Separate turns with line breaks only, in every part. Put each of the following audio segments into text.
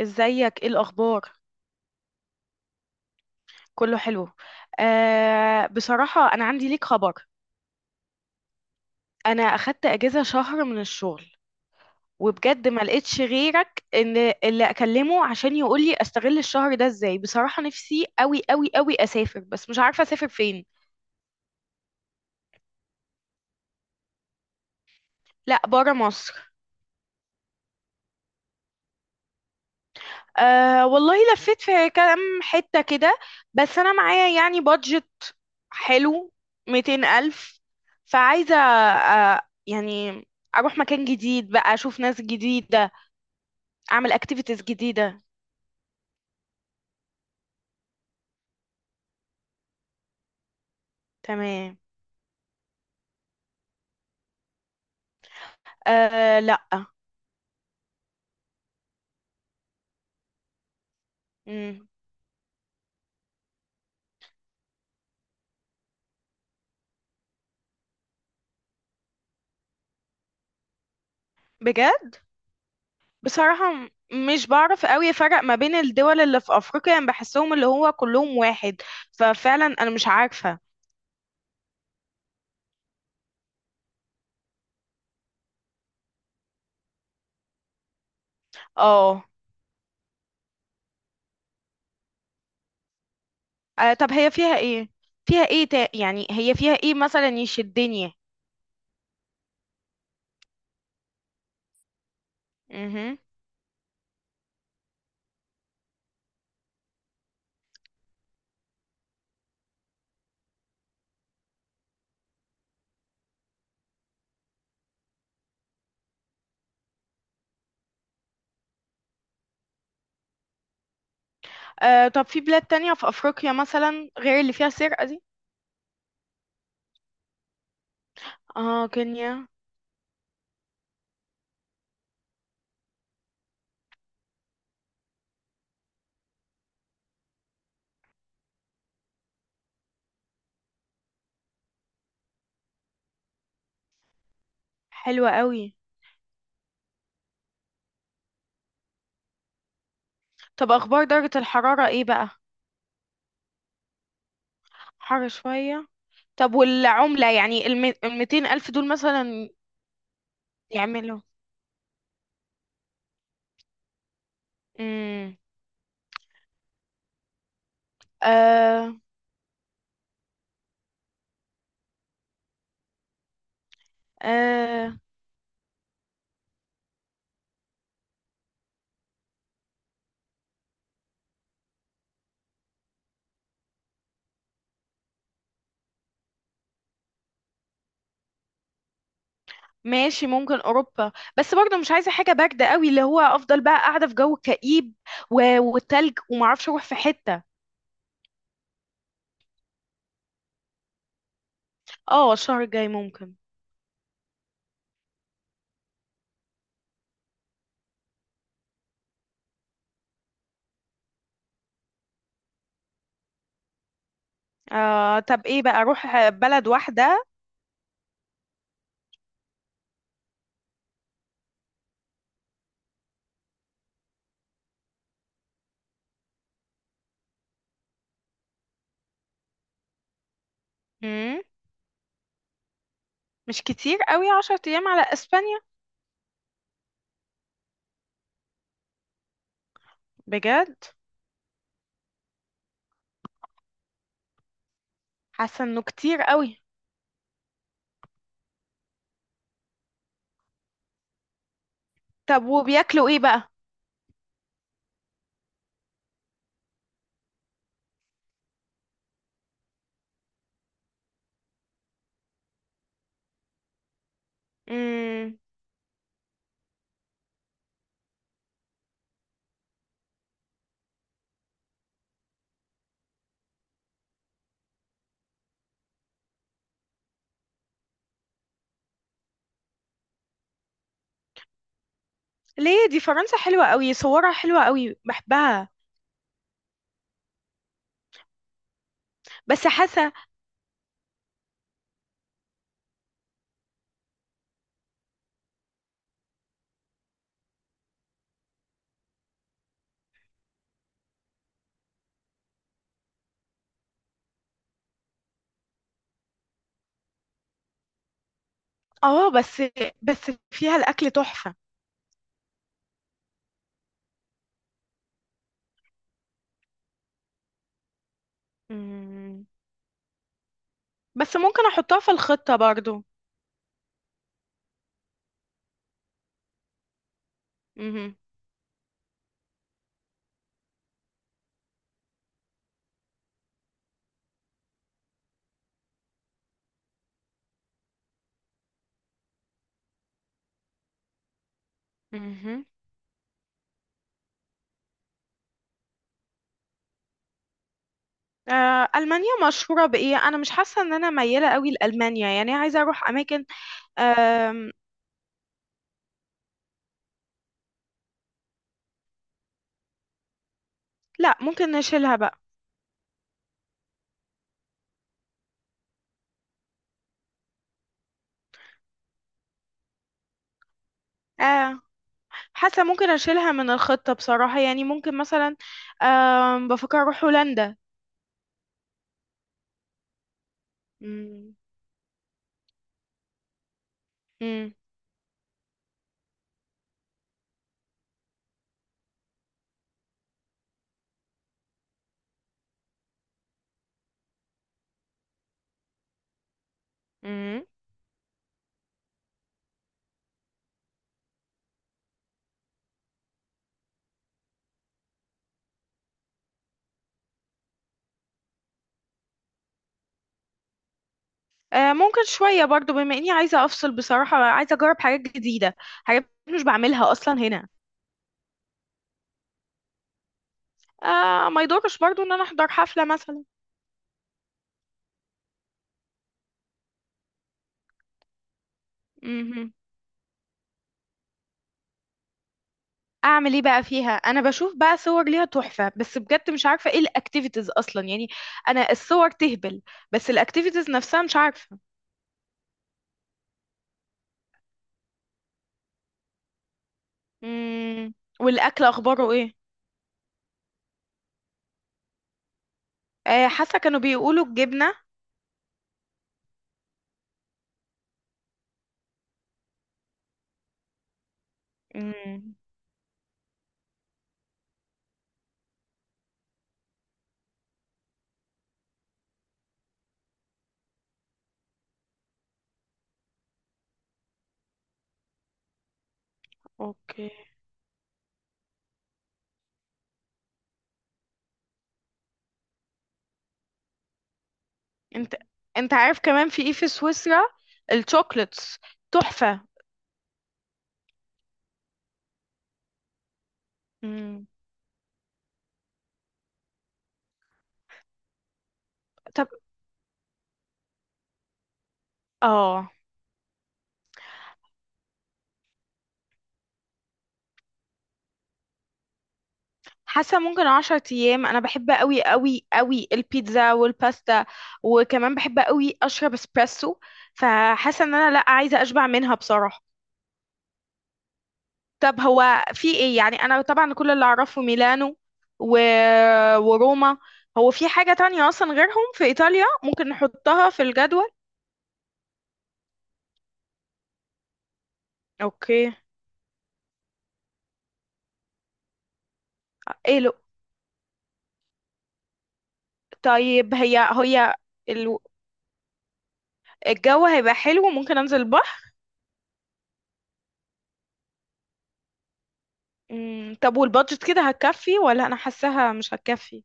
ازيك، ايه الاخبار؟ كله حلو. آه، بصراحة انا عندي ليك خبر. انا اخدت اجازة شهر من الشغل. وبجد ما لقيتش غيرك ان اللي اكلمه عشان يقول لي استغل الشهر ده ازاي. بصراحة نفسي قوي قوي قوي اسافر، بس مش عارفة اسافر فين. لا، برا مصر. أه والله، لفيت في كام حتة كده. بس أنا معايا يعني بادجت. حلو. 200,000. فعايزة يعني أروح مكان جديد بقى، أشوف ناس جديدة. أعمل أكتيفيتيز جديدة. تمام. أه، لأ. مم. بجد. بصراحة، مش بعرف قوي أفرق ما بين الدول اللي في أفريقيا، يعني بحسهم اللي هو كلهم واحد. ففعلا أنا مش عارفة. اه. آه، طب هي فيها ايه؟ يعني هي فيها ايه مثلا يشدني؟ امم. آه، طب في بلاد تانية في افريقيا مثلا غير اللي فيها سرقة دي؟ اه، كينيا. حلوة قوي. طب اخبار درجة الحرارة ايه بقى؟ حر شوية. طب والعملة، يعني الـ200,000 دول مثلا يعملوا؟ امم. آه. آه، ماشي ممكن اوروبا. بس برضه مش عايزه حاجه بارده قوي اللي هو افضل بقى قاعده في جو كئيب و... والتلج ومعرفش اروح في حته. اه، الشهر الجاي ممكن. آه، طب ايه بقى، اروح بلد واحدة؟ مم. مش كتير قوي 10 ايام على اسبانيا؟ بجد. حاسة انه كتير قوي. طب وبياكلوا ايه بقى؟ مم. ليه؟ دي فرنسا حلوة قوي، صورها حلوة قوي، بحبها. بس حاسة. اه، بس. بس فيها الاكل تحفة. مم. بس ممكن احطها في الخطة برضو. مهم. مهم. آه، ألمانيا مشهورة بإيه؟ أنا مش حاسة إن أنا ميالة قوي لألمانيا، يعني عايزة أروح أماكن. لا، ممكن نشيلها بقى. آه، حاسه ممكن اشيلها من الخطه بصراحه، يعني ممكن مثلا. آه، بفكر اروح هولندا. مم. مم. مم. آه، ممكن شويه برضو، بما اني عايزه افصل بصراحه، عايزه اجرب حاجات جديده. حاجات مش بعملها اصلا هنا. آه، ما يضرش برضو ان انا احضر حفله مثلا. مهم. اعمل ايه بقى فيها؟ انا بشوف بقى صور ليها تحفه، بس بجد مش عارفه ايه الاكتيفيتيز اصلا يعني. انا الصور تهبل. بس الاكتيفيتيز نفسها مش عارفه. امم. والاكل اخباره ايه؟ آه، حاسه كانوا بيقولوا الجبنه. امم. اوكي. انت انت عارف كمان في ايه في سويسرا؟ الشوكليتس تحفه. امم. طب. اه. حاسه ممكن 10 ايام، انا بحب قوي قوي قوي البيتزا والباستا. وكمان بحب قوي اشرب اسبريسو. فحاسه ان انا لا، عايزه اشبع منها بصراحه. طب هو في ايه؟ يعني انا طبعا كل اللي اعرفه ميلانو و... وروما. هو في حاجة تانية اصلا غيرهم في ايطاليا ممكن نحطها في الجدول؟ اوكي. ايه لو طيب. ال- الجو هيبقى حلو، ممكن انزل البحر. طب والبادجت كده هتكفي، ولا انا حاساها مش هتكفي؟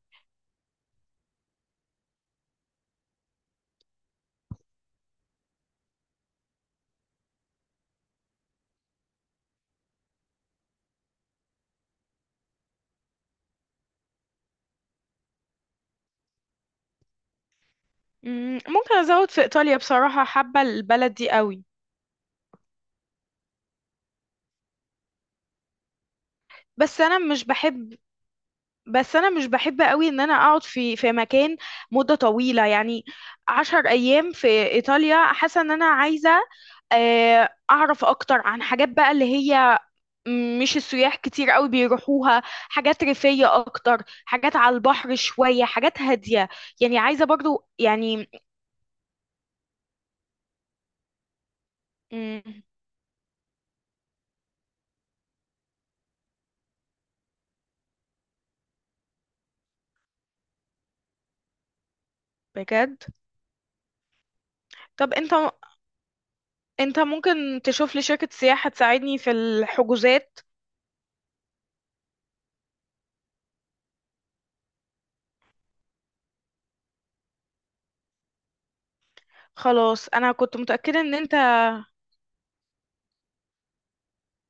ممكن ازود في ايطاليا بصراحة، حابة البلد دي قوي. بس انا مش بحب. بس انا مش بحب قوي ان انا اقعد في مكان مدة طويلة يعني. 10 ايام في ايطاليا، حاسة ان انا عايزة آه، اعرف اكتر عن حاجات بقى اللي هي مش السياح كتير قوي بيروحوها، حاجات ريفية اكتر، حاجات على البحر شوية، حاجات هادية. يعني عايزة برضو يعني. مم، بجد. طب انت، ممكن تشوف لي شركة سياحة تساعدني في الحجوزات؟ خلاص، انا كنت متأكدة ان انت.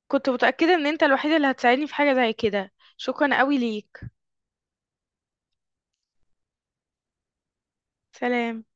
كنت متأكدة ان انت الوحيد اللي هتساعدني في حاجة زي كده. شكرا قوي ليك. سلام.